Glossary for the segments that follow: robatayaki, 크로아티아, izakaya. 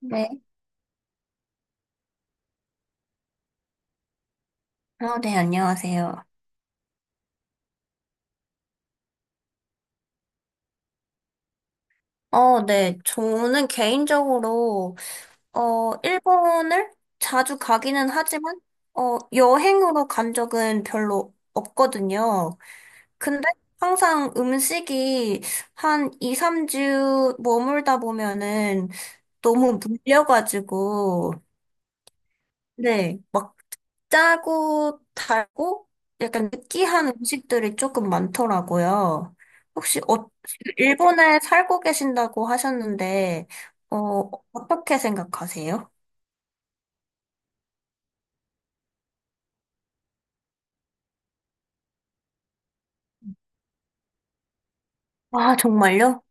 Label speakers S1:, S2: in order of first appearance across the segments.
S1: 네. 아, 네, 안녕하세요. 네. 저는 개인적으로, 일본을 자주 가기는 하지만, 여행으로 간 적은 별로 없거든요. 근데 항상 음식이 한 2, 3주 머물다 보면은 너무 물려가지고, 네. 짜고 달고 약간 느끼한 음식들이 조금 많더라고요. 혹시 일본에 살고 계신다고 하셨는데, 어, 어떻게 생각하세요? 아, 정말요?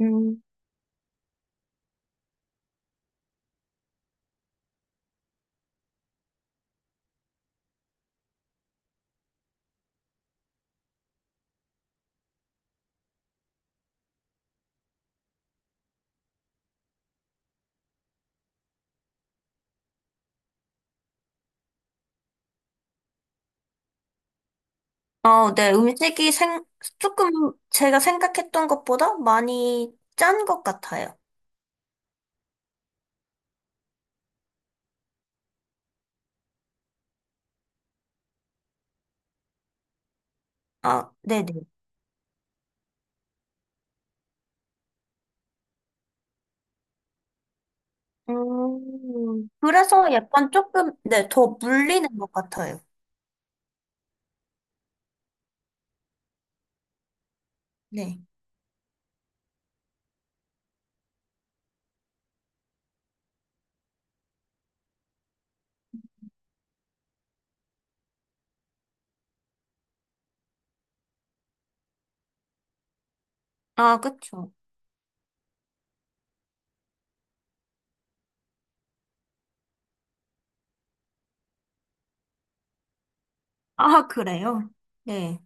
S1: 음. 아, 네, 음식이 조금 제가 생각했던 것보다 많이 짠 것 같아요. 아, 네네. 그래서 약간 조금, 네, 더 물리는 것 같아요. 네. 아, 그쵸. 아, 그래요? 네.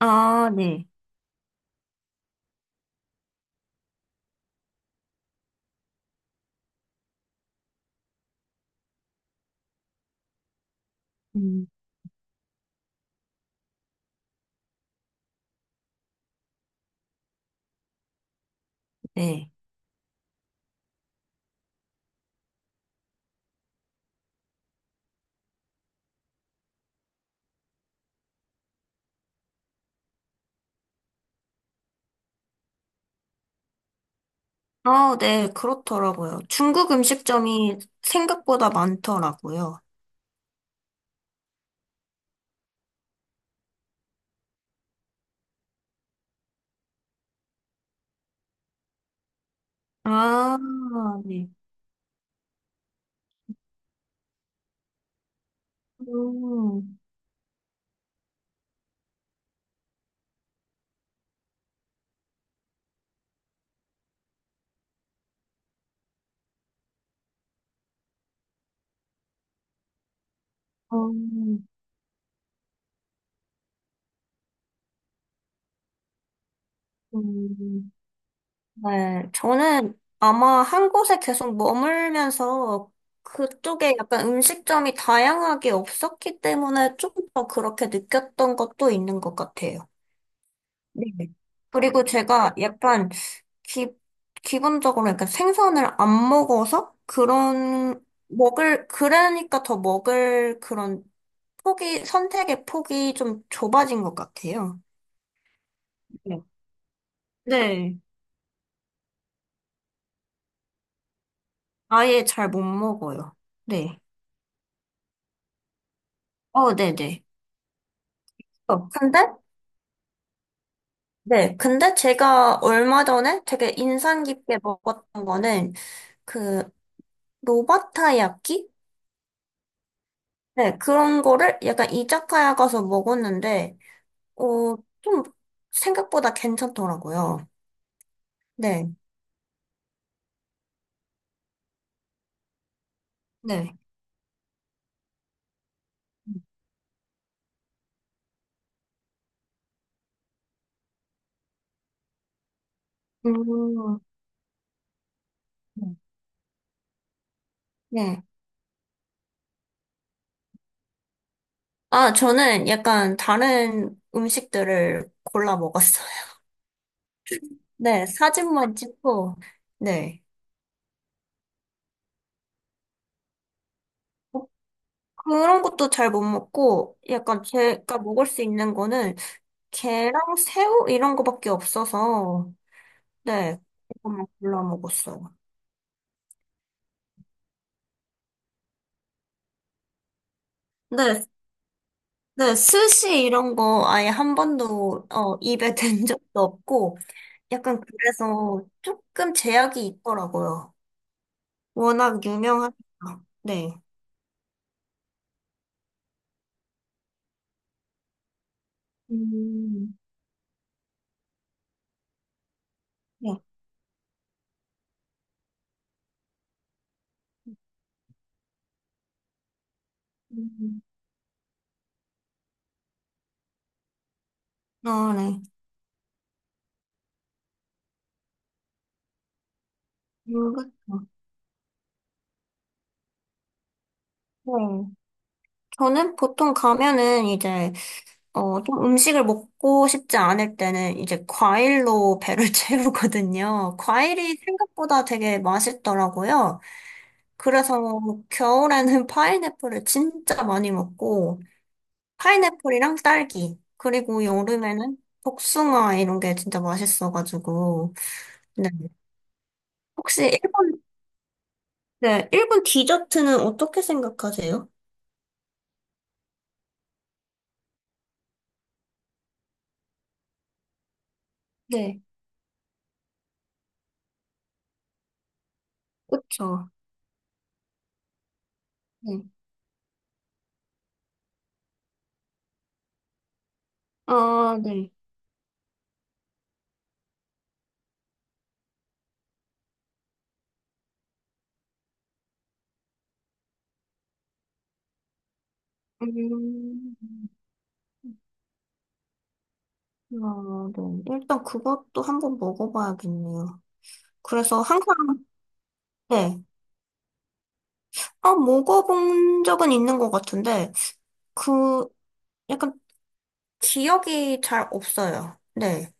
S1: 아, 네. 음, 네. 아, 네, 그렇더라고요. 중국 음식점이 생각보다 많더라고요. 아, 네. 음, 음, 음. 네. 저는 아마 한 곳에 계속 머물면서 그쪽에 약간 음식점이 다양하게 없었기 때문에 좀 더 그렇게 느꼈던 것도 있는 것 같아요. 네. 그리고 제가 약간 기, 기본적으로 약간 생선을 안 먹어서 그런, 그러니까 더 먹을 그런 선택의 폭이 좀 좁아진 것 같아요. 네. 네. 아예 잘 못 먹어요. 네. 네네. 근데? 네. 근데 제가 얼마 전에 되게 인상 깊게 먹었던 거는 그 로바타야끼? 네. 그런 거를 약간 이자카야 가서 먹었는데 어, 좀 생각보다 괜찮더라고요. 네. 네. 음, 네. 아, 저는 약간 다른 음식들을 골라 먹었어요. 네, 사진만 찍고, 네. 뭐 그런 것도 잘 못 먹고, 약간 제가 먹을 수 있는 거는 게랑 새우 이런 거밖에 없어서, 네. 그것만 골라 먹었어요. 네, 네, 스시 이런 거 아예 한 번도 입에 댄 적도 없고, 약간 그래서 조금 제약이 있더라고요. 워낙 유명하니까. 네. 음, 네. 음, 아, 네. 그쵸. 네. 저는 보통 가면은 이제, 좀 음식을 먹고 싶지 않을 때는 이제 과일로 배를 채우거든요. 과일이 생각보다 되게 맛있더라고요. 그래서 겨울에는 파인애플을 진짜 많이 먹고, 파인애플이랑 딸기, 그리고 여름에는 복숭아 이런 게 진짜 맛있어가지고. 네. 혹시 네, 일본 디저트는 어떻게 생각하세요? 네, 그쵸. 네. 아, 네. 음, 아, 네. 일단 그것도 한번 먹어봐야겠네요. 그래서 항상, 네. 아, 먹어본 적은 있는 것 같은데, 그, 약간 기억이 잘 없어요. 네.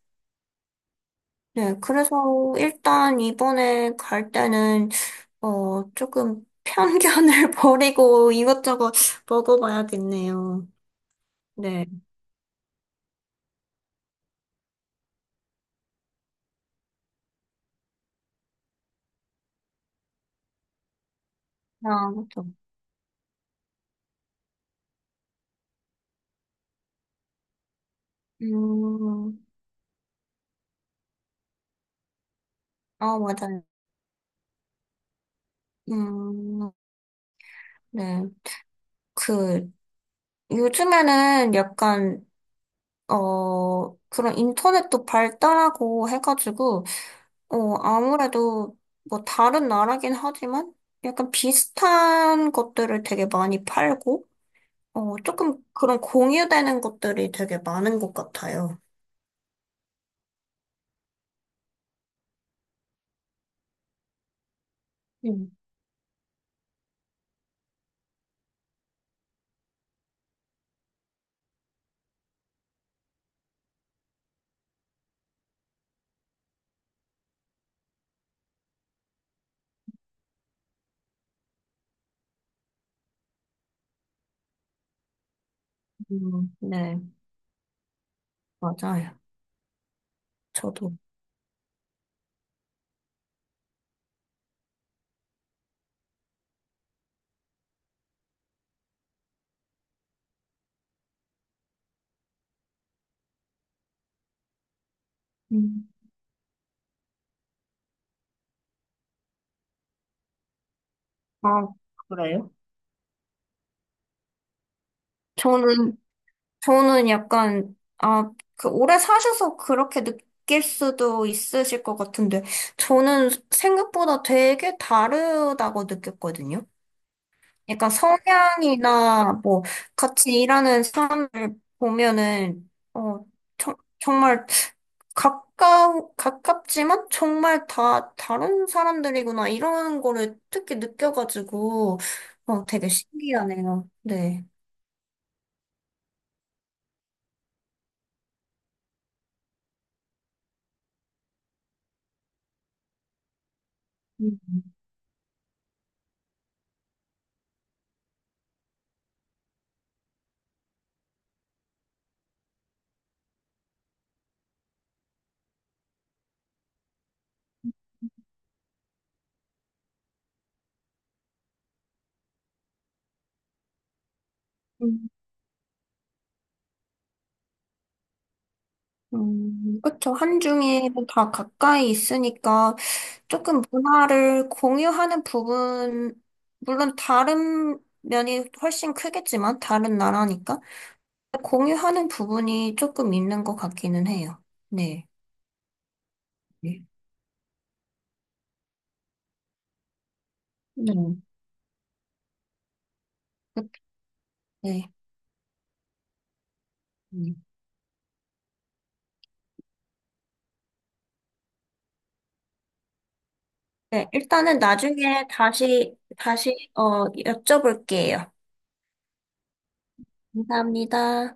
S1: 네. 그래서 일단 이번에 갈 때는, 조금 편견을 버리고 이것저것 먹어봐야겠네요. 네. 아, 그렇죠. 음, 아, 맞아요. 음, 네. 그, 요즘에는 약간, 그런 인터넷도 발달하고 해가지고, 아무래도 뭐 다른 나라긴 하지만 약간 비슷한 것들을 되게 많이 팔고, 조금 그런 공유되는 것들이 되게 많은 것 같아요. 음, 네, 맞아요. 저도. 음. 아, 그래요? 저는, 저는 약간, 아, 그 오래 사셔서 그렇게 느낄 수도 있으실 것 같은데, 저는 생각보다 되게 다르다고 느꼈거든요. 약간 성향이나 뭐 같이 일하는 사람을 보면은 정, 정말 가까우 가깝지만 정말 다 다른 사람들이구나 이런 거를 특히 느껴가지고 되게 신기하네요. 네. 음. 음, 그쵸. 한중이 다 가까이 있으니까 조금 문화를 공유하는 부분, 물론 다른 면이 훨씬 크겠지만, 다른 나라니까. 공유하는 부분이 조금 있는 것 같기는 해요. 네. 네. 네. 네. 음. 네, 일단은 나중에 다시, 여쭤볼게요. 감사합니다.